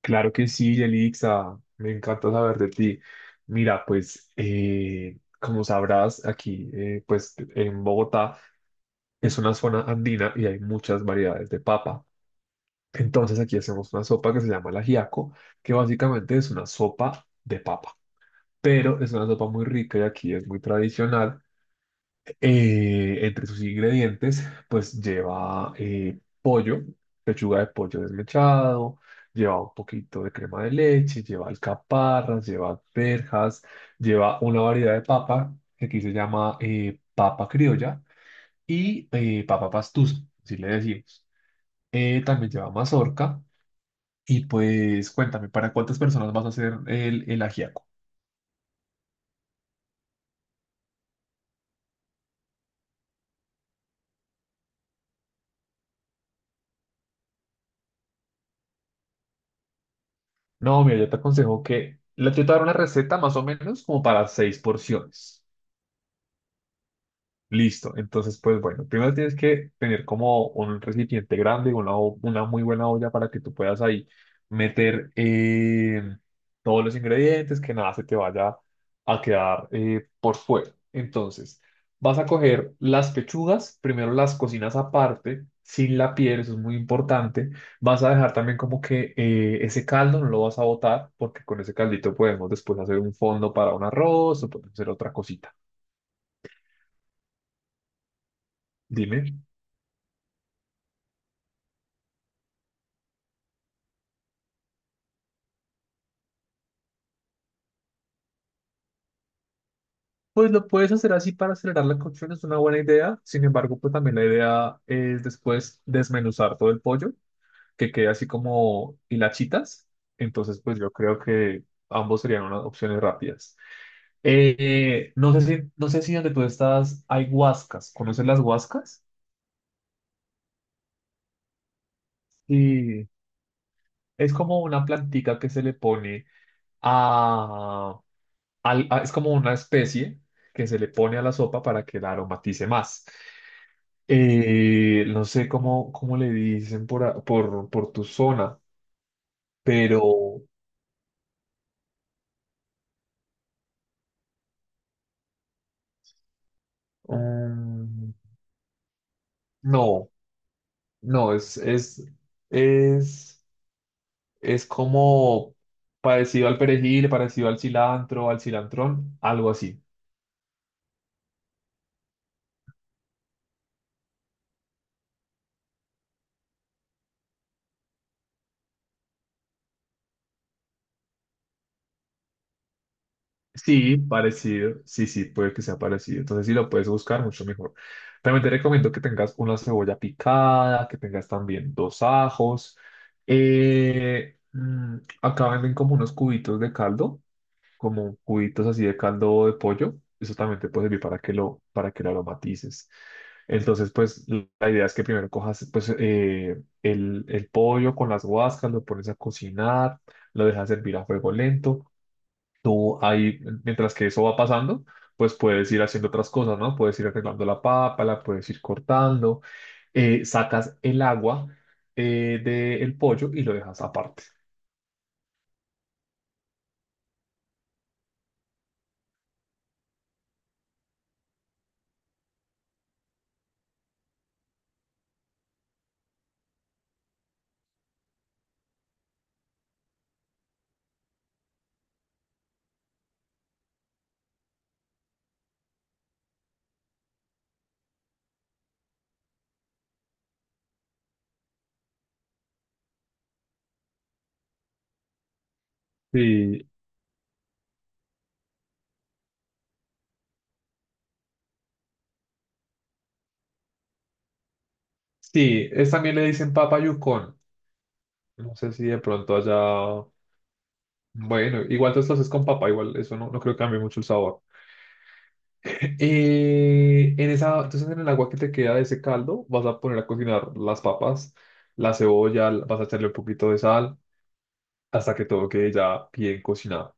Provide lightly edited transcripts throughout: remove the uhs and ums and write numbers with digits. Claro que sí, Yelixa, me encanta saber de ti. Mira, pues como sabrás, aquí pues en Bogotá es una zona andina y hay muchas variedades de papa. Entonces aquí hacemos una sopa que se llama el ajiaco, que básicamente es una sopa de papa, pero es una sopa muy rica y aquí es muy tradicional. Entre sus ingredientes, pues lleva pollo, pechuga de pollo desmechado, lleva un poquito de crema de leche, lleva alcaparras, lleva verjas, lleva una variedad de papa que aquí se llama papa criolla y papa pastusa, así le decimos. También lleva mazorca y pues cuéntame, ¿para cuántas personas vas a hacer el ajiaco? No, mira, yo te aconsejo que, yo te voy una receta más o menos como para seis porciones. Listo. Entonces, pues bueno, primero tienes que tener como un recipiente grande, una, una muy buena olla para que tú puedas ahí meter todos los ingredientes, que nada se te vaya a quedar por fuera. Entonces, vas a coger las pechugas, primero las cocinas aparte, sin la piel, eso es muy importante. Vas a dejar también como que ese caldo no lo vas a botar, porque con ese caldito podemos después hacer un fondo para un arroz o podemos hacer otra cosita. Dime. Pues lo puedes hacer así para acelerar la cocción, es una buena idea. Sin embargo, pues también la idea es después desmenuzar todo el pollo, que quede así como hilachitas. Entonces, pues yo creo que ambos serían unas opciones rápidas. No sé si donde tú estás hay guascas. ¿Conoces las guascas? Sí. Es como una plantica que se le pone a, es como una especie que se le pone a la sopa para que la aromatice más. No sé cómo le dicen por, por tu zona, pero mm, no, no, es, es, es, es como parecido al perejil, parecido al cilantro, al cilantrón, algo así. Sí, parecido, sí, sí, puede que sea parecido. Entonces, si lo puedes buscar, mucho mejor. También te recomiendo que tengas una cebolla picada, que tengas también dos ajos. Eh, mm, acá venden como unos cubitos de caldo. Como cubitos así de caldo de pollo. Eso también te puede servir para que lo aromatices. Entonces, pues la idea es que primero cojas pues, el pollo con las guascas, lo pones a cocinar, lo dejas servir a fuego lento. Tú ahí, mientras que eso va pasando, pues puedes ir haciendo otras cosas, ¿no? Puedes ir arreglando la papa, la puedes ir cortando, sacas el agua del pollo y lo dejas aparte. Sí, sí, es, también le dicen papa yucón. No sé si de pronto allá. Bueno, igual tú estás es con papa, igual eso no, no creo que cambie mucho el sabor. En esa, entonces en el agua que te queda de ese caldo, vas a poner a cocinar las papas, la cebolla, vas a echarle un poquito de sal hasta que todo quede ya bien cocinado.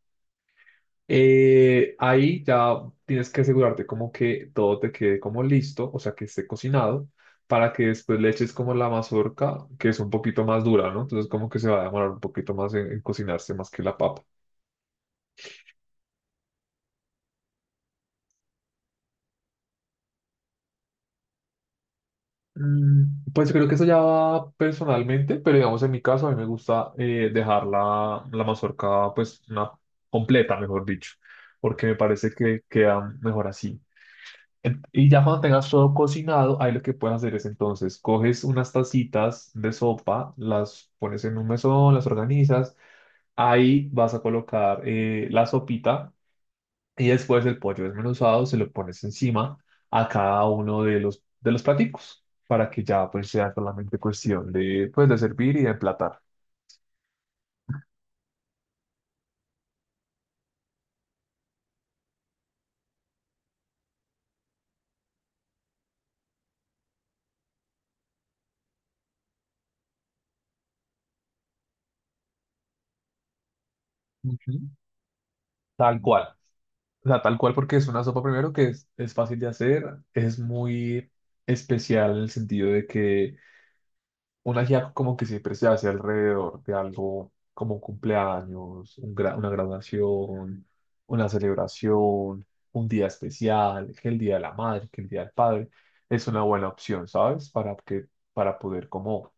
Ahí ya tienes que asegurarte como que todo te quede como listo, o sea que esté cocinado, para que después le eches como la mazorca, que es un poquito más dura, ¿no? Entonces como que se va a demorar un poquito más en cocinarse más que la papa. Pues creo que eso ya va personalmente, pero digamos en mi caso a mí me gusta dejar la, la mazorca pues una completa, mejor dicho, porque me parece que queda mejor así. Y ya cuando tengas todo cocinado, ahí lo que puedes hacer es entonces coges unas tacitas de sopa, las pones en un mesón, las organizas, ahí vas a colocar la sopita y después el pollo desmenuzado se lo pones encima a cada uno de los platicos para que ya pues sea solamente cuestión de, pues, de servir y de emplatar. Ujú. Tal cual. O sea, tal cual porque es una sopa primero que es fácil de hacer, es muy especial en el sentido de que un ajiaco como que siempre se hace alrededor de algo como un cumpleaños, una graduación, una celebración, un día especial, que el día de la madre, que el día del padre, es una buena opción, ¿sabes? Para que, para poder como,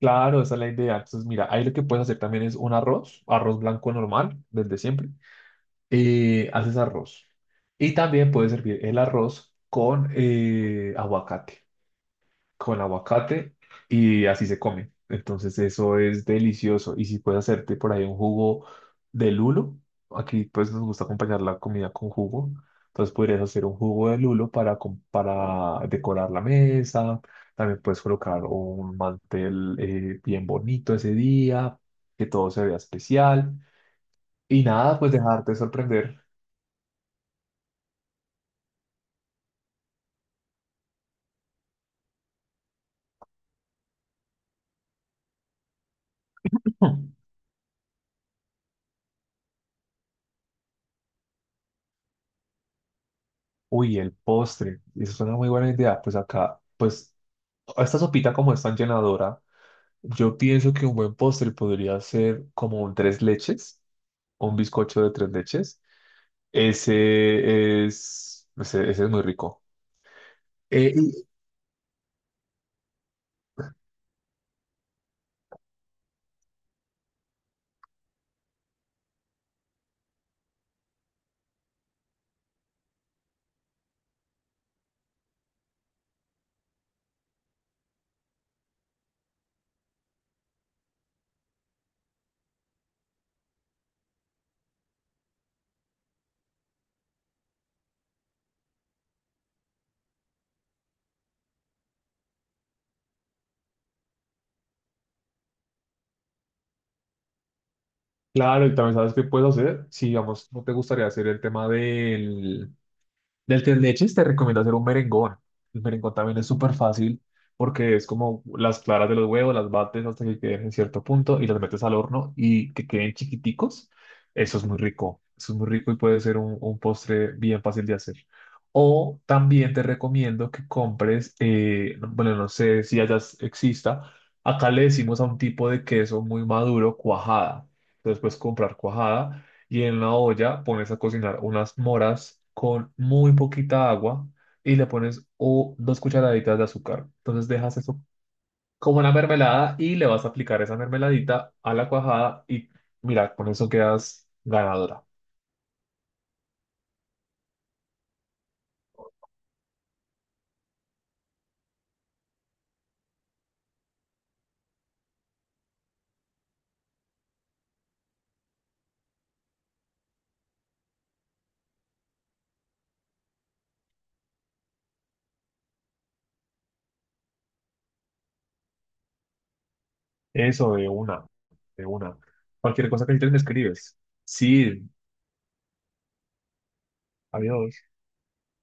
claro, esa es la idea. Entonces, mira, ahí lo que puedes hacer también es un arroz, arroz blanco normal, desde siempre, haces arroz. Y también puedes servir el arroz con aguacate. Con aguacate y así se come. Entonces eso es delicioso. Y si puedes hacerte por ahí un jugo de lulo, aquí pues nos gusta acompañar la comida con jugo. Entonces podrías hacer un jugo de lulo para, para decorar la mesa. También puedes colocar un mantel bien bonito ese día, que todo se vea especial. Y nada, pues dejarte sorprender. Hmm. Uy, el postre. Eso es una muy buena idea. Pues acá, pues esta sopita como es tan llenadora, yo pienso que un buen postre podría ser como un tres leches, un bizcocho de tres leches. Ese es muy rico. Eh, y claro, y también sabes qué puedes hacer. Si, digamos, no te gustaría hacer el tema del, del tres leches te recomiendo hacer un merengón. El merengón también es súper fácil porque es como las claras de los huevos, las bates hasta que queden en cierto punto y las metes al horno y que queden chiquiticos. Eso es muy rico. Eso es muy rico y puede ser un postre bien fácil de hacer. O también te recomiendo que compres, bueno, no sé si allá exista, acá le decimos a un tipo de queso muy maduro, cuajada. Entonces puedes comprar cuajada y en la olla pones a cocinar unas moras con muy poquita agua y le pones o dos cucharaditas de azúcar. Entonces dejas eso como una mermelada y le vas a aplicar esa mermeladita a la cuajada y mira, con eso quedas ganadora. Eso de una, de una. Cualquier cosa que necesites me escribes. Sí, adiós.